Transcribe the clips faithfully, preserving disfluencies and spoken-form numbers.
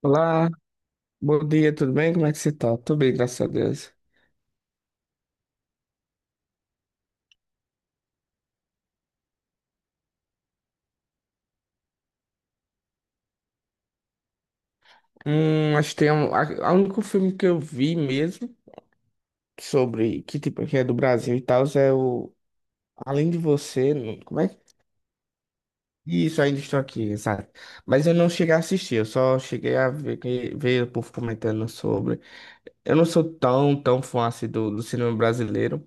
Olá, bom dia, tudo bem? Como é que você tá? Tudo bem, graças a Deus. Hum, acho que tem um, a, a único filme que eu vi mesmo sobre que tipo que é do Brasil e tal é o Além de Você, não- como é que isso, ainda estou aqui, exato. Mas eu não cheguei a assistir, eu só cheguei a ver, que- ver o povo comentando sobre. Eu não sou tão, tão fã assim do, do cinema brasileiro.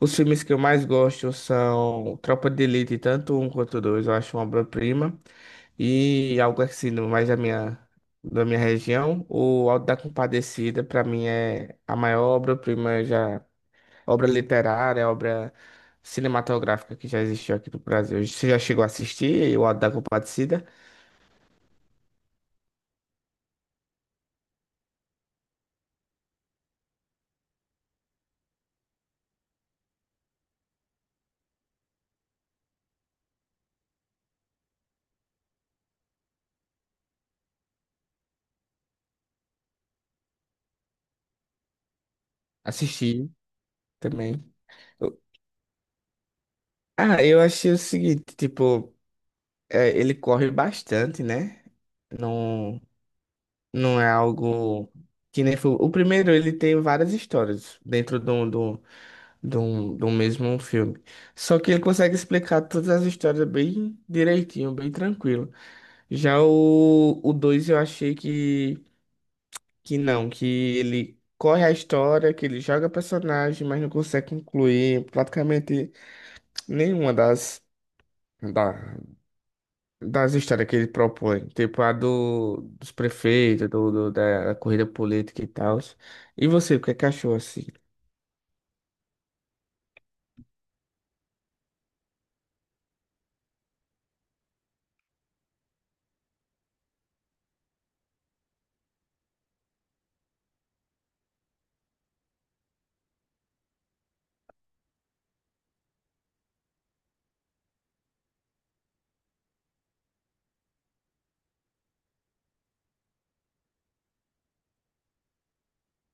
Os filmes que eu mais gosto são Tropa de Elite, tanto um quanto dois, eu acho uma obra-prima. E algo assim no- mais da minha, da minha região, o Auto da Compadecida, para mim, é a maior obra-prima já, obra literária, obra cinematográfica que já existiu aqui no Brasil. Você já chegou a assistir o Auto da Compadecida? Assisti também. Eu- Ah, eu achei o seguinte, tipo, é, ele corre bastante, né? Não. Não é algo que nem foi. O primeiro, ele tem várias histórias dentro do, do, do, do mesmo filme. Só que ele consegue explicar todas as histórias bem direitinho, bem tranquilo. Já o, o dois eu achei que, que não, que ele corre a história, que ele joga personagem, mas não consegue concluir praticamente nenhuma das. da das histórias que ele propõe, tipo a do, dos prefeitos, do, do- da corrida política e tal. E você, o que é que achou assim?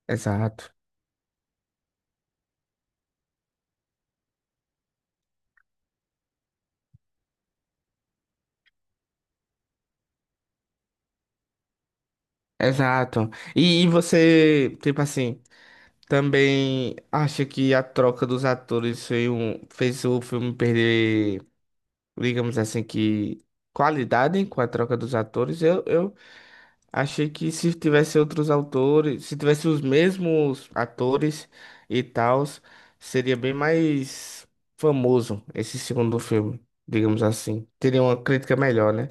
Exato, exato. E, e você, tipo assim, também acha que a troca dos atores foi um, fez o filme perder, digamos assim, que qualidade com a troca dos atores? Eu, eu achei que se tivesse outros autores, se tivesse os mesmos atores e tal, seria bem mais famoso esse segundo filme, digamos assim. Teria uma crítica melhor, né?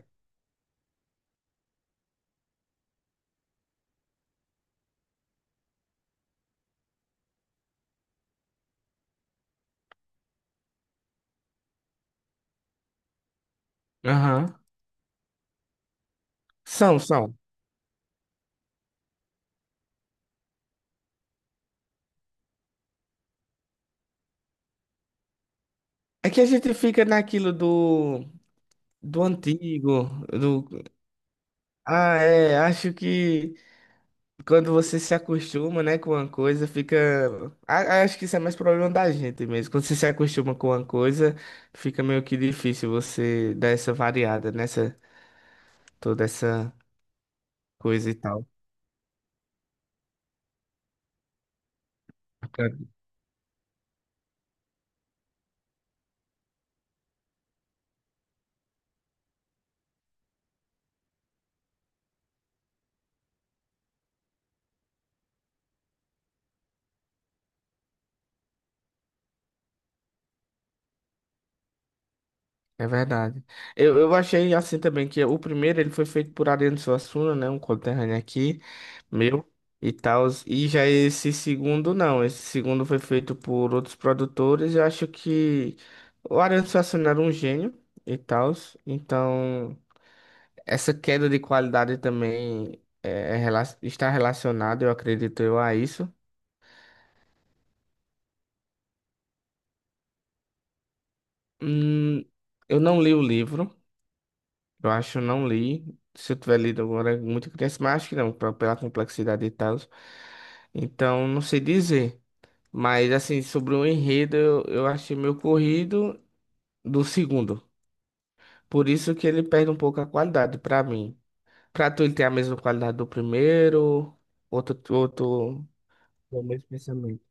Aham. São, são. É que a gente fica naquilo do, do antigo, do. Ah, é, acho que. Quando você se acostuma, né, com uma coisa, fica. A- Acho que isso é mais problema da gente mesmo. Quando você se acostuma com uma coisa, fica meio que difícil você dar essa variada nessa, toda essa coisa e tal. É verdade. Eu, eu achei assim também que o primeiro ele foi feito por Ariano Suassuna, né, um conterrâneo aqui, meu e tal. E já esse segundo não, esse segundo foi feito por outros produtores. Eu acho que o Ariano Suassuna era um gênio e tal, então. Essa queda de qualidade também eh, é rela- está relacionada, eu acredito eu, a isso. Hum, eu não li o livro, eu acho que eu não li. Se eu tiver lido agora, é muito criança, mas acho que não, pra- pela complexidade e tal. Então, não sei dizer. Mas, assim, sobre o enredo, eu, eu achei meio corrido do segundo. Por isso que ele perde um pouco a qualidade, pra mim. Pra tu, ele tem a mesma qualidade do primeiro, outro, outro, o mesmo pensamento.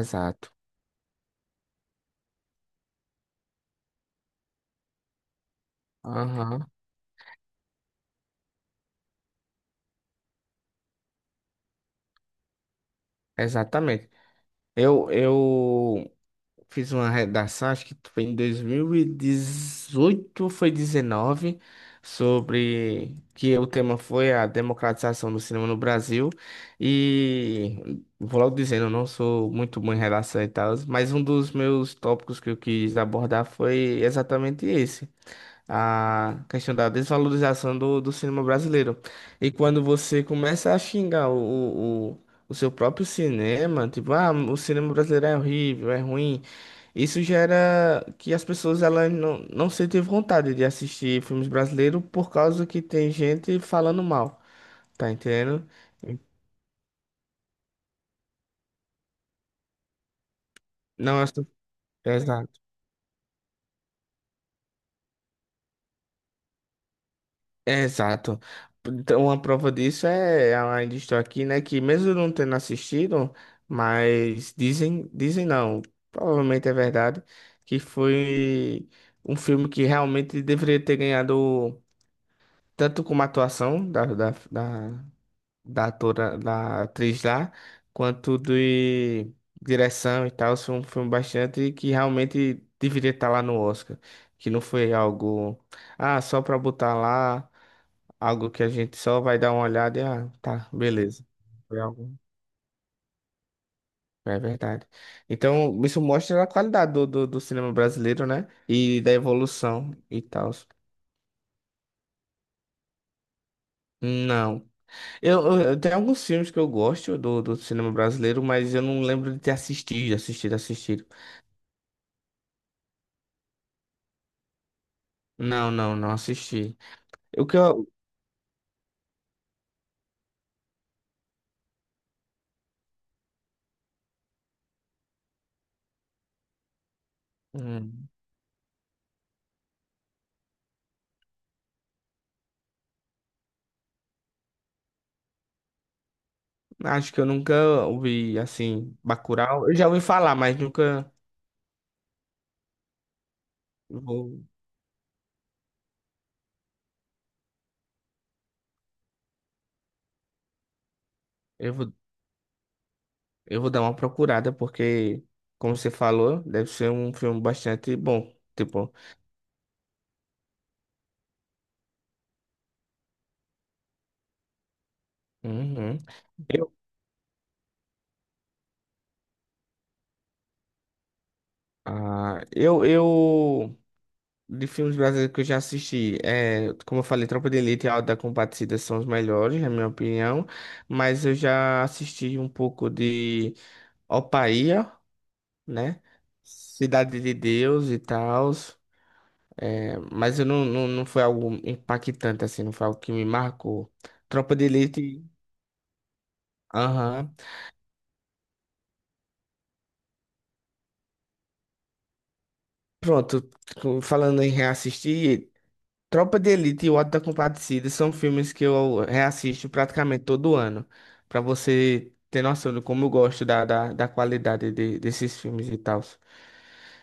Exato. Aham. Exatamente. Eu, eu fiz uma redação, acho que foi em dois mil e dezoito ou foi dezenove, sobre que o tema foi a democratização do cinema no Brasil. E vou logo dizendo, eu não sou muito bom em redação e tal, mas um dos meus tópicos que eu quis abordar foi exatamente esse a questão da desvalorização do, do cinema brasileiro. E quando você começa a xingar o, o, o o seu próprio cinema, tipo, ah, o cinema brasileiro é horrível, é ruim, isso gera que as pessoas elas não, não sentem vontade de assistir filmes brasileiros por causa que tem gente falando mal, tá entendendo? Não é. su- Exato. É, exato. Então, uma prova disso é, a ainda estou aqui, né? Que mesmo eu não tendo assistido, mas dizem, dizem não, provavelmente é verdade, que foi um filme que realmente deveria ter ganhado tanto como a atuação da, da, da, da atora, da atriz lá, quanto de direção e tal. Foi um filme bastante que realmente deveria estar lá no Oscar, que não foi algo, ah, só para botar lá. Algo que a gente só vai dar uma olhada e, ah, tá, beleza. Foi algo. É verdade. Então, isso mostra a qualidade do, do, do cinema brasileiro, né? E da evolução e tal. Não. Eu, eu, eu tenho alguns filmes que eu gosto do, do cinema brasileiro, mas eu não lembro de ter assistido, assistido, assistido. Não, não, não assisti. O que eu. hum, Acho que eu nunca ouvi, assim, Bacurau. Eu já ouvi falar, mas nunca. Vou, eu vou. Eu vou dar uma procurada, porque, como você falou, deve ser um filme bastante bom. Tipo, uhum. Eu, ah, eu, eu, de filmes brasileiros que eu já assisti, é, como eu falei, Tropa de Elite e Auto da Compadecida são os melhores, na minha opinião, mas eu já assisti um pouco de Opaía, né? Cidade de Deus e tal, é, mas eu não, não, não foi algo impactante, assim, não foi algo que me marcou. Tropa de Elite. Aham, Pronto, com- falando em reassistir, Tropa de Elite e O Auto da Compadecida são filmes que eu reassisto praticamente todo ano. Pra você ter noção de como eu gosto da, da, da qualidade de- desses filmes e tal.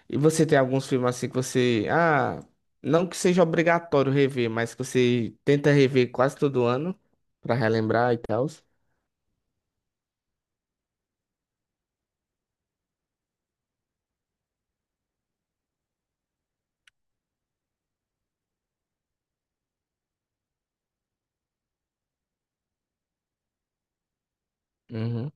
E você tem alguns filmes assim que você, ah, não que seja obrigatório rever, mas que você tenta rever quase todo ano pra relembrar e tal. Uhum.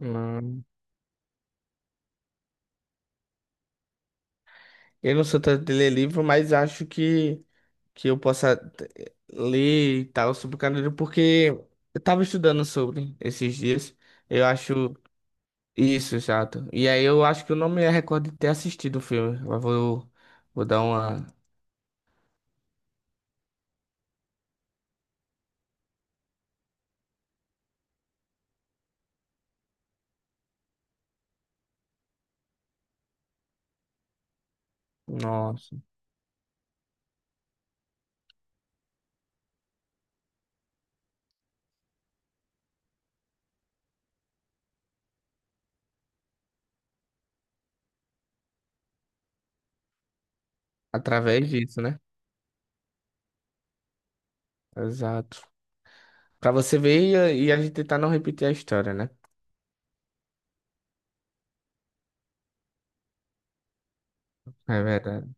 Hum, eu não sou tanto de ler livro, mas acho que que eu possa t- ler e tal sobre o Carandiru, porque eu tava estudando sobre esses dias. Eu acho isso, exato. E aí eu acho que eu não me recordo de ter assistido o filme. Eu vou, vou dar uma. Nossa. Através disso, né? Exato. Pra você ver e, a e a gente tentar não repetir a história, né? É verdade.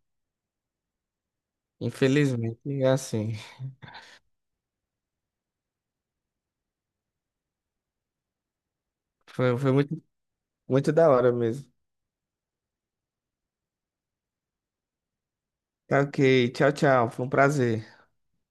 Infelizmente, é assim. Foi, foi muito, muito da hora mesmo. Tá, ok. Tchau, tchau. Foi um prazer.